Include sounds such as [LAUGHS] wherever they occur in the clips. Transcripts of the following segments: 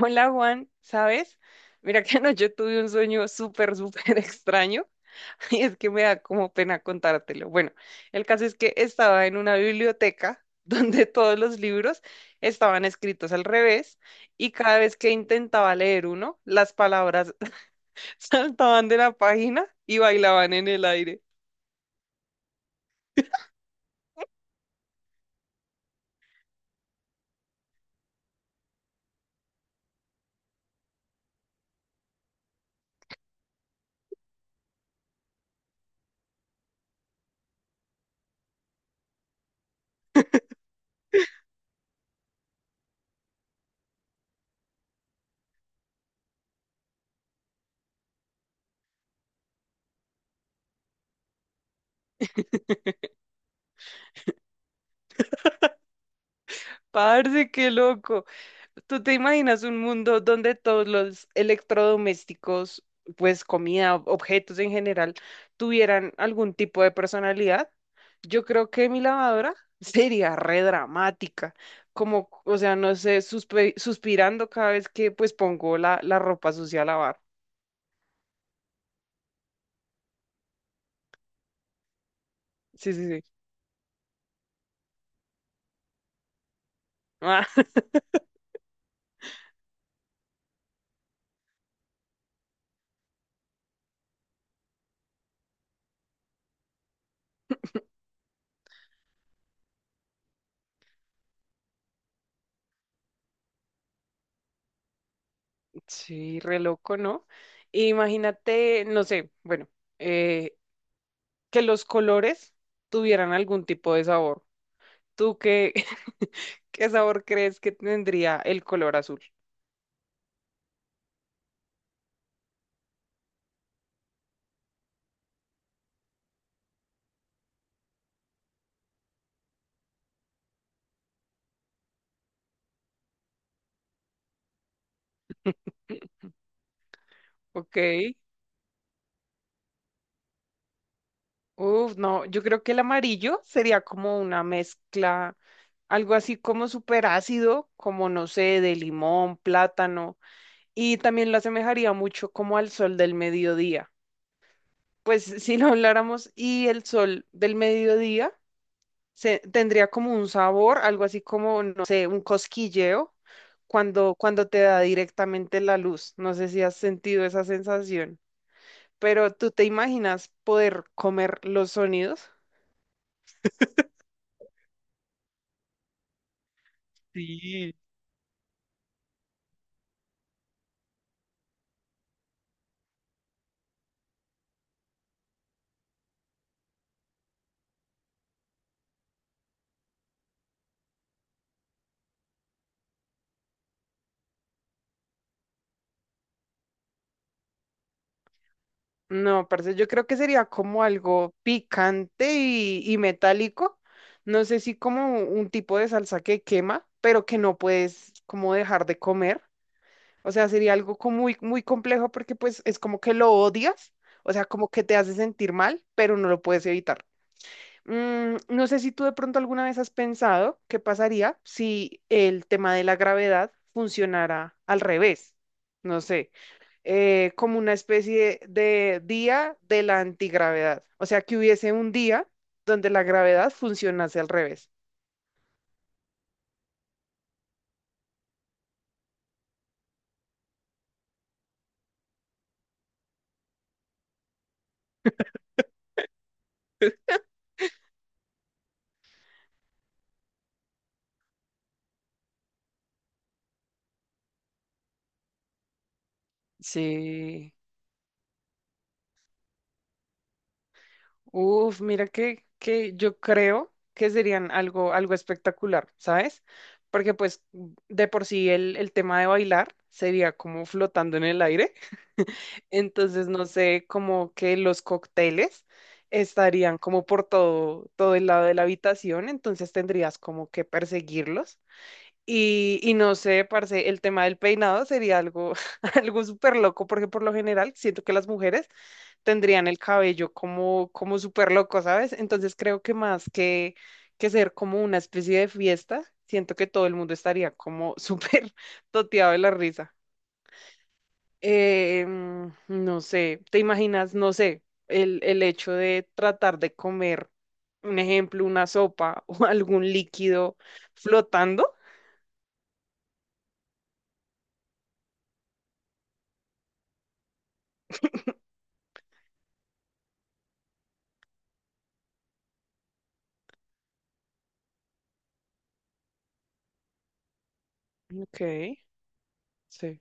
Hola Juan, ¿sabes? Mira que anoche tuve un sueño súper, súper [LAUGHS] extraño y es que me da como pena contártelo. Bueno, el caso es que estaba en una biblioteca [LAUGHS] donde todos los libros estaban escritos al revés y cada vez que intentaba leer uno, las palabras [LAUGHS] saltaban de la página y bailaban en el aire. Parce, qué loco. ¿Tú te imaginas un mundo donde todos los electrodomésticos, pues comida, objetos en general, tuvieran algún tipo de personalidad? Yo creo que mi lavadora [LAUGHS] sería re dramática, como, o sea, no sé, suspirando cada vez que pues pongo la ropa sucia a lavar. Sí, sí, sí. Ah, [LAUGHS] sí, re loco, ¿no? Imagínate, no sé, bueno, eh, que los colores tuvieran algún tipo de sabor. ¿Tú qué, ¿Qué sabor crees que tendría el color azul? Ok. Uf, no, yo creo que el amarillo sería como una mezcla, algo así como súper ácido, como no sé, de limón, plátano, y también lo asemejaría mucho como al sol del mediodía. Pues [LAUGHS] si lo habláramos y el sol del mediodía tendría como un sabor, algo así como, no sé, un cosquilleo cuando te da directamente la luz. No sé si has sentido esa sensación. Pero ¿tú te imaginas poder comer los sonidos? Sí. No, parce, yo creo que sería como algo picante y metálico. No sé si como un tipo de salsa que quema, pero que no puedes como dejar de comer. O sea, sería algo como muy, muy complejo porque pues es como que lo odias, o sea, como que te hace sentir mal, pero no lo puedes evitar. No sé si tú de pronto alguna vez has pensado qué pasaría si el tema de la gravedad funcionara al revés, no sé, como una especie de día de la antigravedad, o sea, que hubiese un día donde la gravedad funcionase al revés. [LAUGHS] Sí. Uf, mira que yo creo que serían algo, algo espectacular, ¿sabes? Porque pues de por sí el tema de bailar sería como flotando en el aire. [LAUGHS] Entonces, no sé, como que los cócteles estarían como por todo, todo el lado de la habitación, entonces tendrías como que perseguirlos. Y no sé, parce, el tema del peinado sería algo, [LAUGHS] algo súper loco, porque por lo general siento que las mujeres tendrían el cabello como, como súper loco, ¿sabes? Entonces creo que más que ser como una especie de fiesta, siento que todo el mundo estaría como súper [LAUGHS] toteado de la risa. No sé, ¿te imaginas, no sé, el hecho de tratar de comer, un ejemplo, una sopa [LAUGHS] o algún líquido flotando? Ok, sí.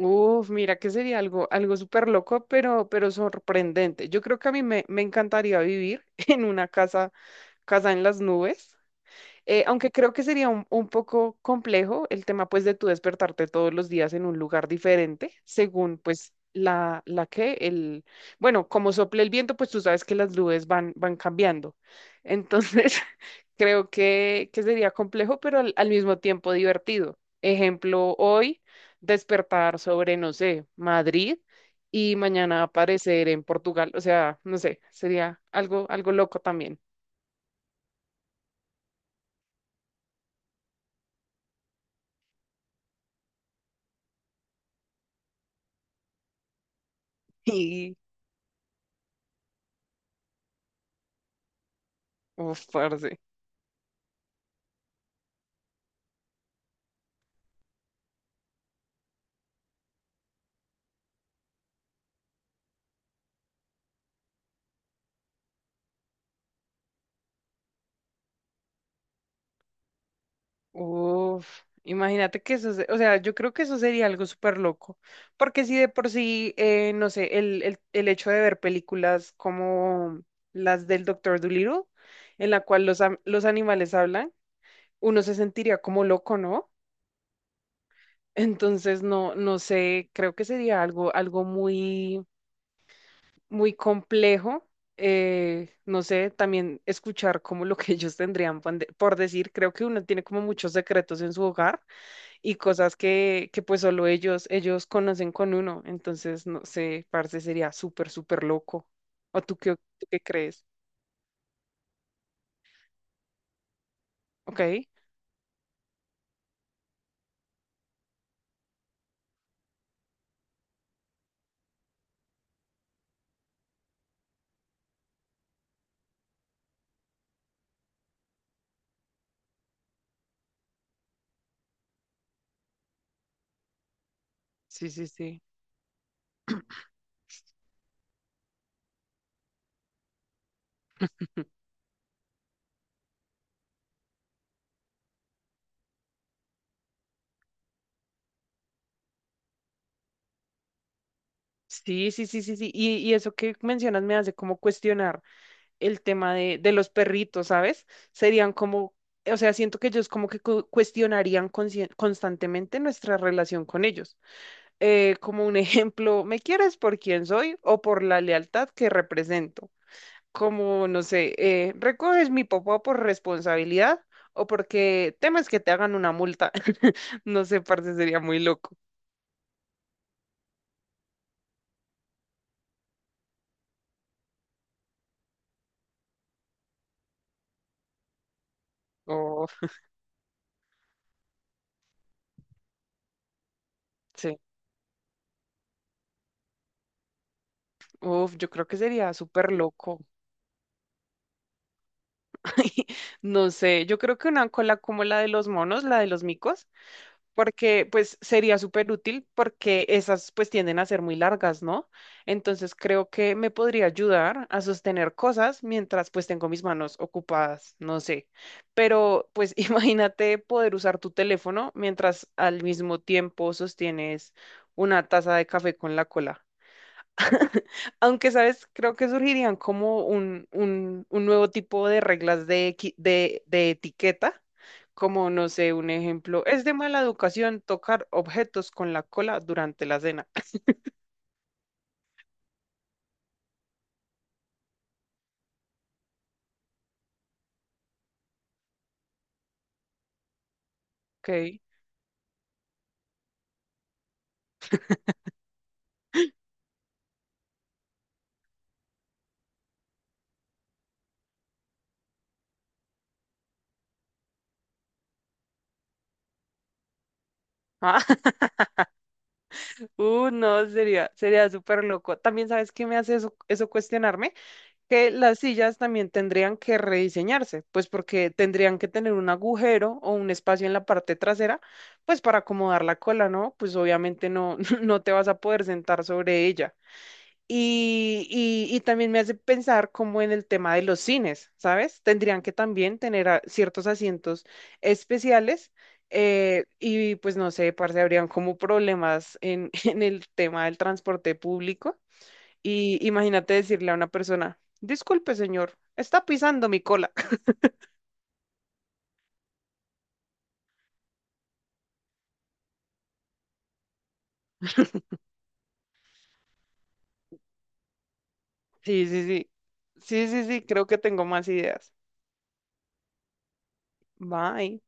Uf, mira que sería algo, algo súper loco, pero sorprendente. Yo creo que a mí me encantaría vivir [LAUGHS] en una casa, casa en las nubes. Aunque creo que sería un poco complejo el tema pues de tú despertarte todos los días en un lugar diferente, según pues el, bueno, como sople el viento, pues tú sabes que las nubes van, van cambiando. Entonces, [LAUGHS] creo que sería complejo, pero al, al mismo tiempo divertido. Ejemplo, hoy despertar sobre, no sé, Madrid y mañana aparecer en Portugal. O sea, no sé, sería algo, algo loco también. [LAUGHS] Y uf, parce. Uf, imagínate que eso, o sea, yo creo que eso sería algo súper loco, porque si de por sí, no sé, el hecho de ver películas como las del Doctor Dolittle, en la cual los, los animales hablan, uno se sentiría como loco, ¿no? [LAUGHS] Entonces, no, no sé, creo que sería algo, algo muy, muy complejo. Eh, no sé, también escuchar como lo que ellos tendrían por por decir, creo que uno tiene como muchos secretos en su hogar y cosas que pues solo ellos, ellos conocen con uno. Entonces, no sé, parce, sería súper, súper loco. ¿O tú qué crees? ¿Ok? Sí, sí, sí. Sí, sí, sí, sí, sí. Y eso que mencionas me hace como cuestionar el tema de los perritos, ¿sabes? Serían como, o sea, siento que ellos como que cuestionarían constantemente nuestra relación con ellos. Como un [LAUGHS] ejemplo, ¿me quieres por quién soy o por la lealtad que represento? Como, no sé, recoges mi popó por responsabilidad o porque temes que te hagan una multa. [LAUGHS] No sé, parce, sería muy loco. Uf, sí. Uf, yo creo que sería súper loco. [LAUGHS] No sé, yo creo que una cola como la de los monos, la de los micos. Porque pues sería súper útil porque esas pues tienden a ser muy largas, ¿no? Entonces creo que me podría ayudar a sostener cosas mientras pues tengo mis manos ocupadas, no sé. Pero pues [LAUGHS] imagínate poder usar tu teléfono mientras al mismo tiempo sostienes una taza de café con la cola. Aunque, ¿sabes? Creo que surgirían como un nuevo tipo de reglas de, de etiqueta, como, no sé, un ejemplo, es de mala educación tocar objetos con la cola durante la cena. Ok. Ah, [LAUGHS] no, sería súper loco. También, ¿sabes qué me hace eso cuestionarme? Que las sillas también tendrían que rediseñarse, pues porque tendrían que tener un agujero o un espacio en la parte trasera, pues para acomodar la cola, ¿no? Pues obviamente no, [LAUGHS] no te vas a poder sentar sobre ella. Y también me hace pensar como en el tema de los cines, ¿sabes? Tendrían que también tener ciertos asientos especiales, y pues no sé, parce, habrían como problemas en, [LAUGHS] en el tema del transporte público y imagínate decirle a una persona, disculpe, señor, está pisando mi cola. [LAUGHS] Sí, sí, sí. Sí, sí, sí, creo que tengo más ideas. Bye.